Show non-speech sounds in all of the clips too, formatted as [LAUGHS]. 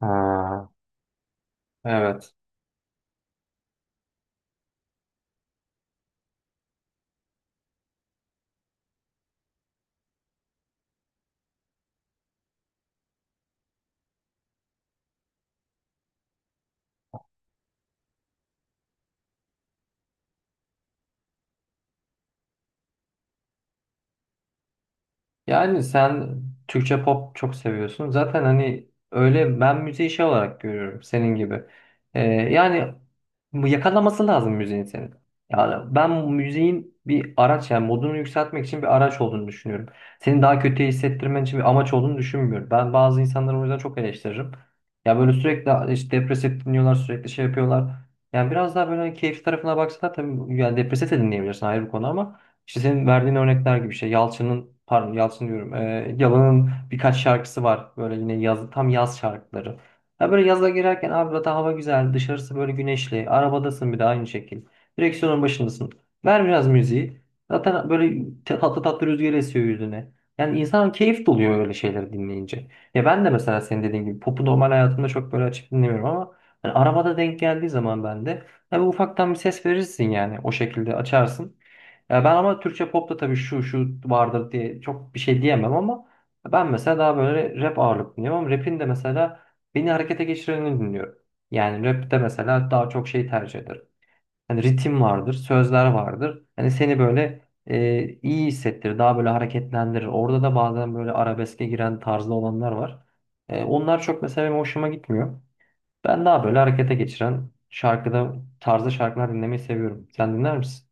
Ha, evet. Yani sen Türkçe pop çok seviyorsun. Zaten hani öyle ben müziği şey olarak görüyorum senin gibi. Yani bu yakalaması lazım müziğin senin. Yani ben müziğin bir araç yani modunu yükseltmek için bir araç olduğunu düşünüyorum. Seni daha kötü hissettirmen için bir amaç olduğunu düşünmüyorum. Ben bazı insanları o yüzden çok eleştiririm. Ya böyle sürekli işte depresif dinliyorlar, sürekli şey yapıyorlar. Yani biraz daha böyle keyif tarafına baksana tabii yani depresif de dinleyebilirsin ayrı bir konu ama İşte senin verdiğin örnekler gibi şey. Yalçın'ın pardon Yalçın diyorum. Yalan'ın birkaç şarkısı var. Böyle yine yaz, tam yaz şarkıları. Ya böyle yaza girerken abi zaten hava güzel. Dışarısı böyle güneşli. Arabadasın bir de aynı şekil. Direksiyonun başındasın. Ver biraz müziği. Zaten böyle tatlı tatlı rüzgar esiyor yüzüne. Yani insan keyif doluyor öyle şeyleri dinleyince. Ya ben de mesela senin dediğin gibi popu normal hayatımda çok böyle açıp dinlemiyorum ama yani arabada denk geldiği zaman ben de ya bir ufaktan bir ses verirsin yani o şekilde açarsın. Ya ben ama Türkçe popta tabii şu şu vardır diye çok bir şey diyemem ama ben mesela daha böyle rap ağırlıklı dinliyorum ama rap'in de mesela beni harekete geçirenini dinliyorum. Yani rap'te mesela daha çok şey tercih ederim. Hani ritim vardır, sözler vardır. Hani seni böyle iyi hissettirir, daha böyle hareketlendirir. Orada da bazen böyle arabeske giren tarzda olanlar var. Onlar çok mesela benim hoşuma gitmiyor. Ben daha böyle harekete geçiren tarzda şarkılar dinlemeyi seviyorum. Sen dinler misin?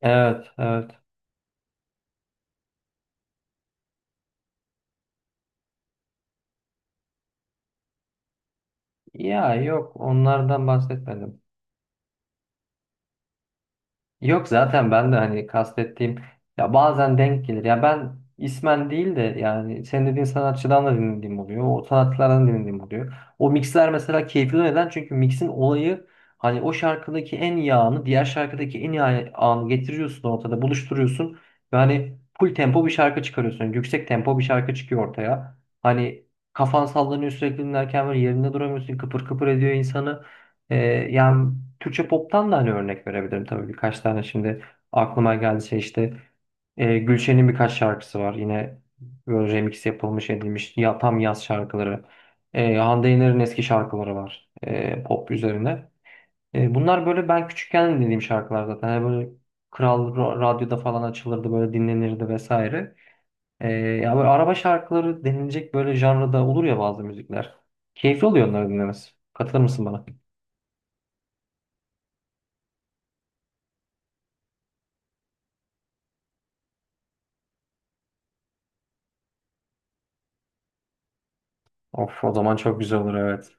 Evet, evet. Ya yok onlardan bahsetmedim. Yok zaten ben de hani kastettiğim ya bazen denk gelir. Ya ben ismen değil de yani senin dediğin sanatçıdan da dinlediğim oluyor. O sanatçılardan dinlediğim oluyor. O mixler mesela keyifli neden? Çünkü mixin olayı hani o şarkıdaki en iyi anı diğer şarkıdaki en iyi anı getiriyorsun ortada buluşturuyorsun. Yani full tempo bir şarkı çıkarıyorsun. Yani yüksek tempo bir şarkı çıkıyor ortaya. Hani kafan sallanıyor sürekli dinlerken böyle yerinde duramıyorsun. Kıpır kıpır ediyor insanı. Ee, yani Türkçe pop'tan da hani örnek verebilirim tabii birkaç tane şimdi aklıma geldi şey işte Gülşen'in birkaç şarkısı var yine böyle remix yapılmış edilmiş ya, tam yaz şarkıları. Hande Yener'in eski şarkıları var pop üzerine. Bunlar böyle ben küçükken dinlediğim şarkılar zaten. Hani böyle Kral Radyo'da falan açılırdı böyle dinlenirdi vesaire. Ya böyle araba şarkıları denilecek böyle janrada olur ya bazı müzikler keyifli oluyor onları dinlemesi katılır mısın bana? Of o zaman çok güzel olur evet.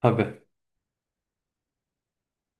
Tabii.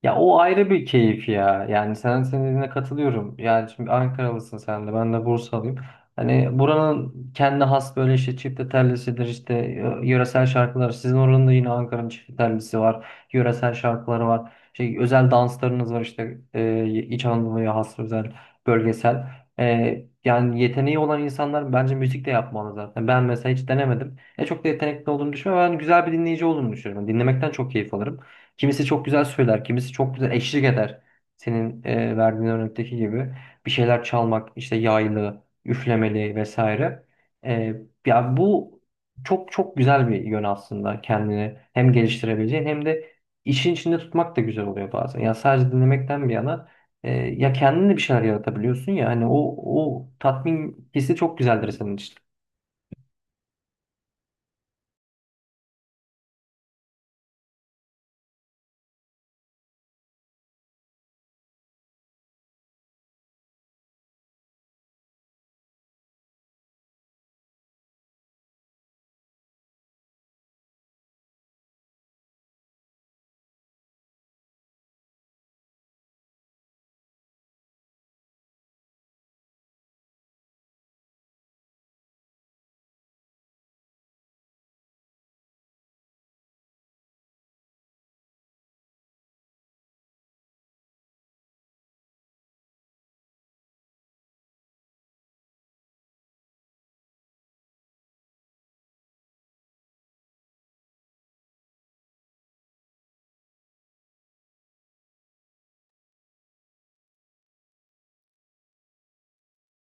Ya o ayrı bir keyif ya. Yani sen senin dediğine katılıyorum. Yani şimdi Ankaralısın sen de ben de Bursalıyım. Hani buranın kendi has böyle işte çifte tellisidir işte yöresel şarkılar. Sizin oranın da yine Ankara'nın çifte tellisi var. Yöresel şarkıları var. Şey, özel danslarınız var işte İç Anadolu'ya has özel bölgesel. Yani yeteneği olan insanlar bence müzik de yapmalı zaten. Ben mesela hiç denemedim. Çok da yetenekli olduğumu düşünmüyorum. Ben güzel bir dinleyici olduğumu düşünüyorum. Dinlemekten çok keyif alırım. Kimisi çok güzel söyler, kimisi çok güzel eşlik eder. Senin verdiğin örnekteki gibi bir şeyler çalmak, işte yaylı, üflemeli vesaire. E, ya bu çok çok güzel bir yön aslında kendini hem geliştirebileceğin hem de işin içinde tutmak da güzel oluyor bazen. Ya sadece dinlemekten bir yana ya kendin de bir şeyler yaratabiliyorsun ya hani o tatmin hissi çok güzeldir senin için.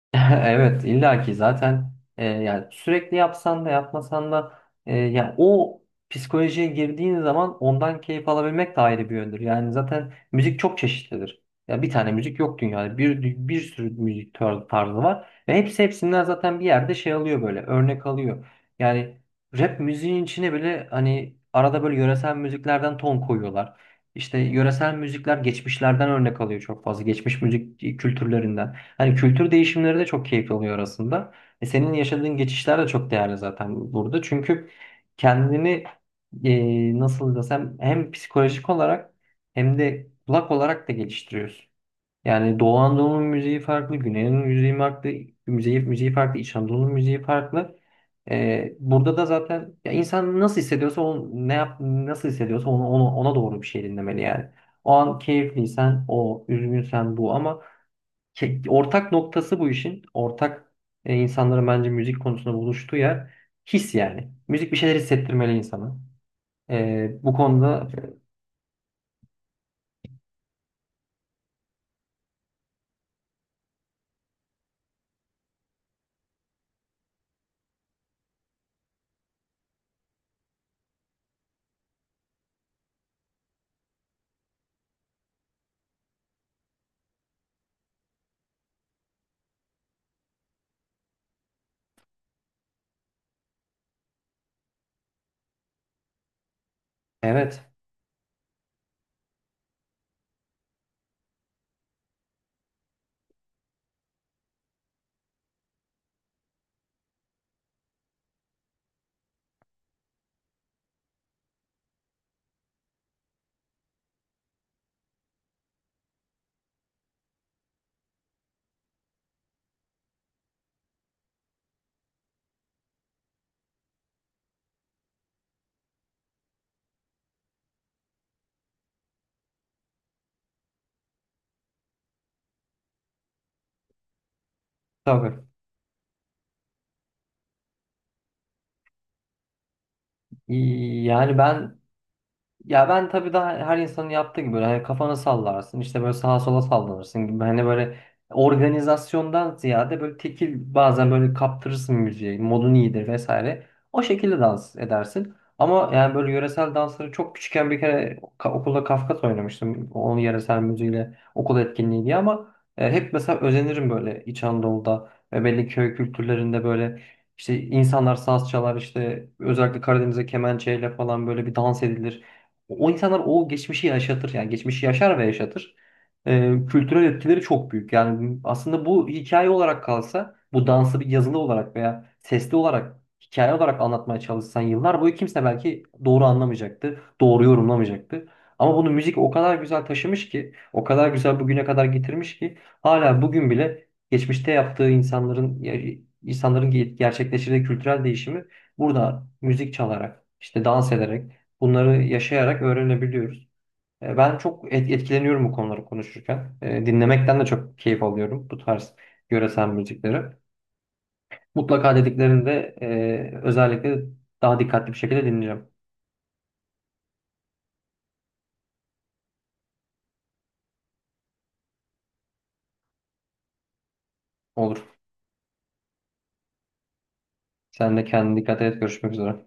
[LAUGHS] Evet illaki zaten yani sürekli yapsan da yapmasan da ya o psikolojiye girdiğin zaman ondan keyif alabilmek de ayrı bir yöndür. Yani zaten müzik çok çeşitlidir. Ya bir tane müzik yok dünyada. Bir sürü müzik tarzı var ve hepsi hepsinden zaten bir yerde şey alıyor böyle örnek alıyor. Yani rap müziğin içine bile hani arada böyle yöresel müziklerden ton koyuyorlar. İşte yöresel müzikler geçmişlerden örnek alıyor çok fazla. Geçmiş müzik kültürlerinden. Hani kültür değişimleri de çok keyifli oluyor aslında. E senin yaşadığın geçişler de çok değerli zaten burada. Çünkü kendini nasıl desem hem psikolojik olarak hem de kulak olarak da geliştiriyorsun. Yani Doğu Anadolu'nun müziği farklı, Güney'in müziği farklı, müziği farklı, İç Anadolu'nun müziği farklı. Burada da zaten ya insan nasıl hissediyorsa onu, ne yap, nasıl hissediyorsa onu, onu, ona doğru bir şey dinlemeli yani. O an keyifliysen o, üzgünsen bu ama ortak noktası bu işin. Ortak insanların bence müzik konusunda buluştuğu yer his yani. Müzik bir şeyler hissettirmeli insana. Bu konuda evet tabii. Yani ben ya ben tabii daha her insanın yaptığı gibi böyle hani kafanı sallarsın işte böyle sağa sola sallanırsın gibi hani böyle organizasyondan ziyade böyle tekil bazen böyle kaptırırsın müziği modun iyidir vesaire o şekilde dans edersin. Ama yani böyle yöresel dansları çok küçükken bir kere okulda Kafkas oynamıştım onun yöresel müziğiyle okul etkinliği diye ama hep mesela özenirim böyle İç Anadolu'da ve belli köy kültürlerinde böyle işte insanlar saz çalar işte özellikle Karadeniz'e kemençeyle falan böyle bir dans edilir. O insanlar o geçmişi yaşatır. Yani geçmişi yaşar ve yaşatır. Kültürel etkileri çok büyük. Yani aslında bu hikaye olarak kalsa, bu dansı bir yazılı olarak veya sesli olarak, hikaye olarak anlatmaya çalışsan yıllar boyu kimse belki doğru anlamayacaktı, doğru yorumlamayacaktı. Ama bunu müzik o kadar güzel taşımış ki, o kadar güzel bugüne kadar getirmiş ki hala bugün bile geçmişte yaptığı insanların gerçekleştirdiği kültürel değişimi burada müzik çalarak, işte dans ederek bunları yaşayarak öğrenebiliyoruz. Ben çok etkileniyorum bu konuları konuşurken. E, dinlemekten de çok keyif alıyorum bu tarz yöresel müzikleri. Mutlaka dediklerini de özellikle daha dikkatli bir şekilde dinleyeceğim. Olur. Sen de kendine dikkat et. Görüşmek üzere.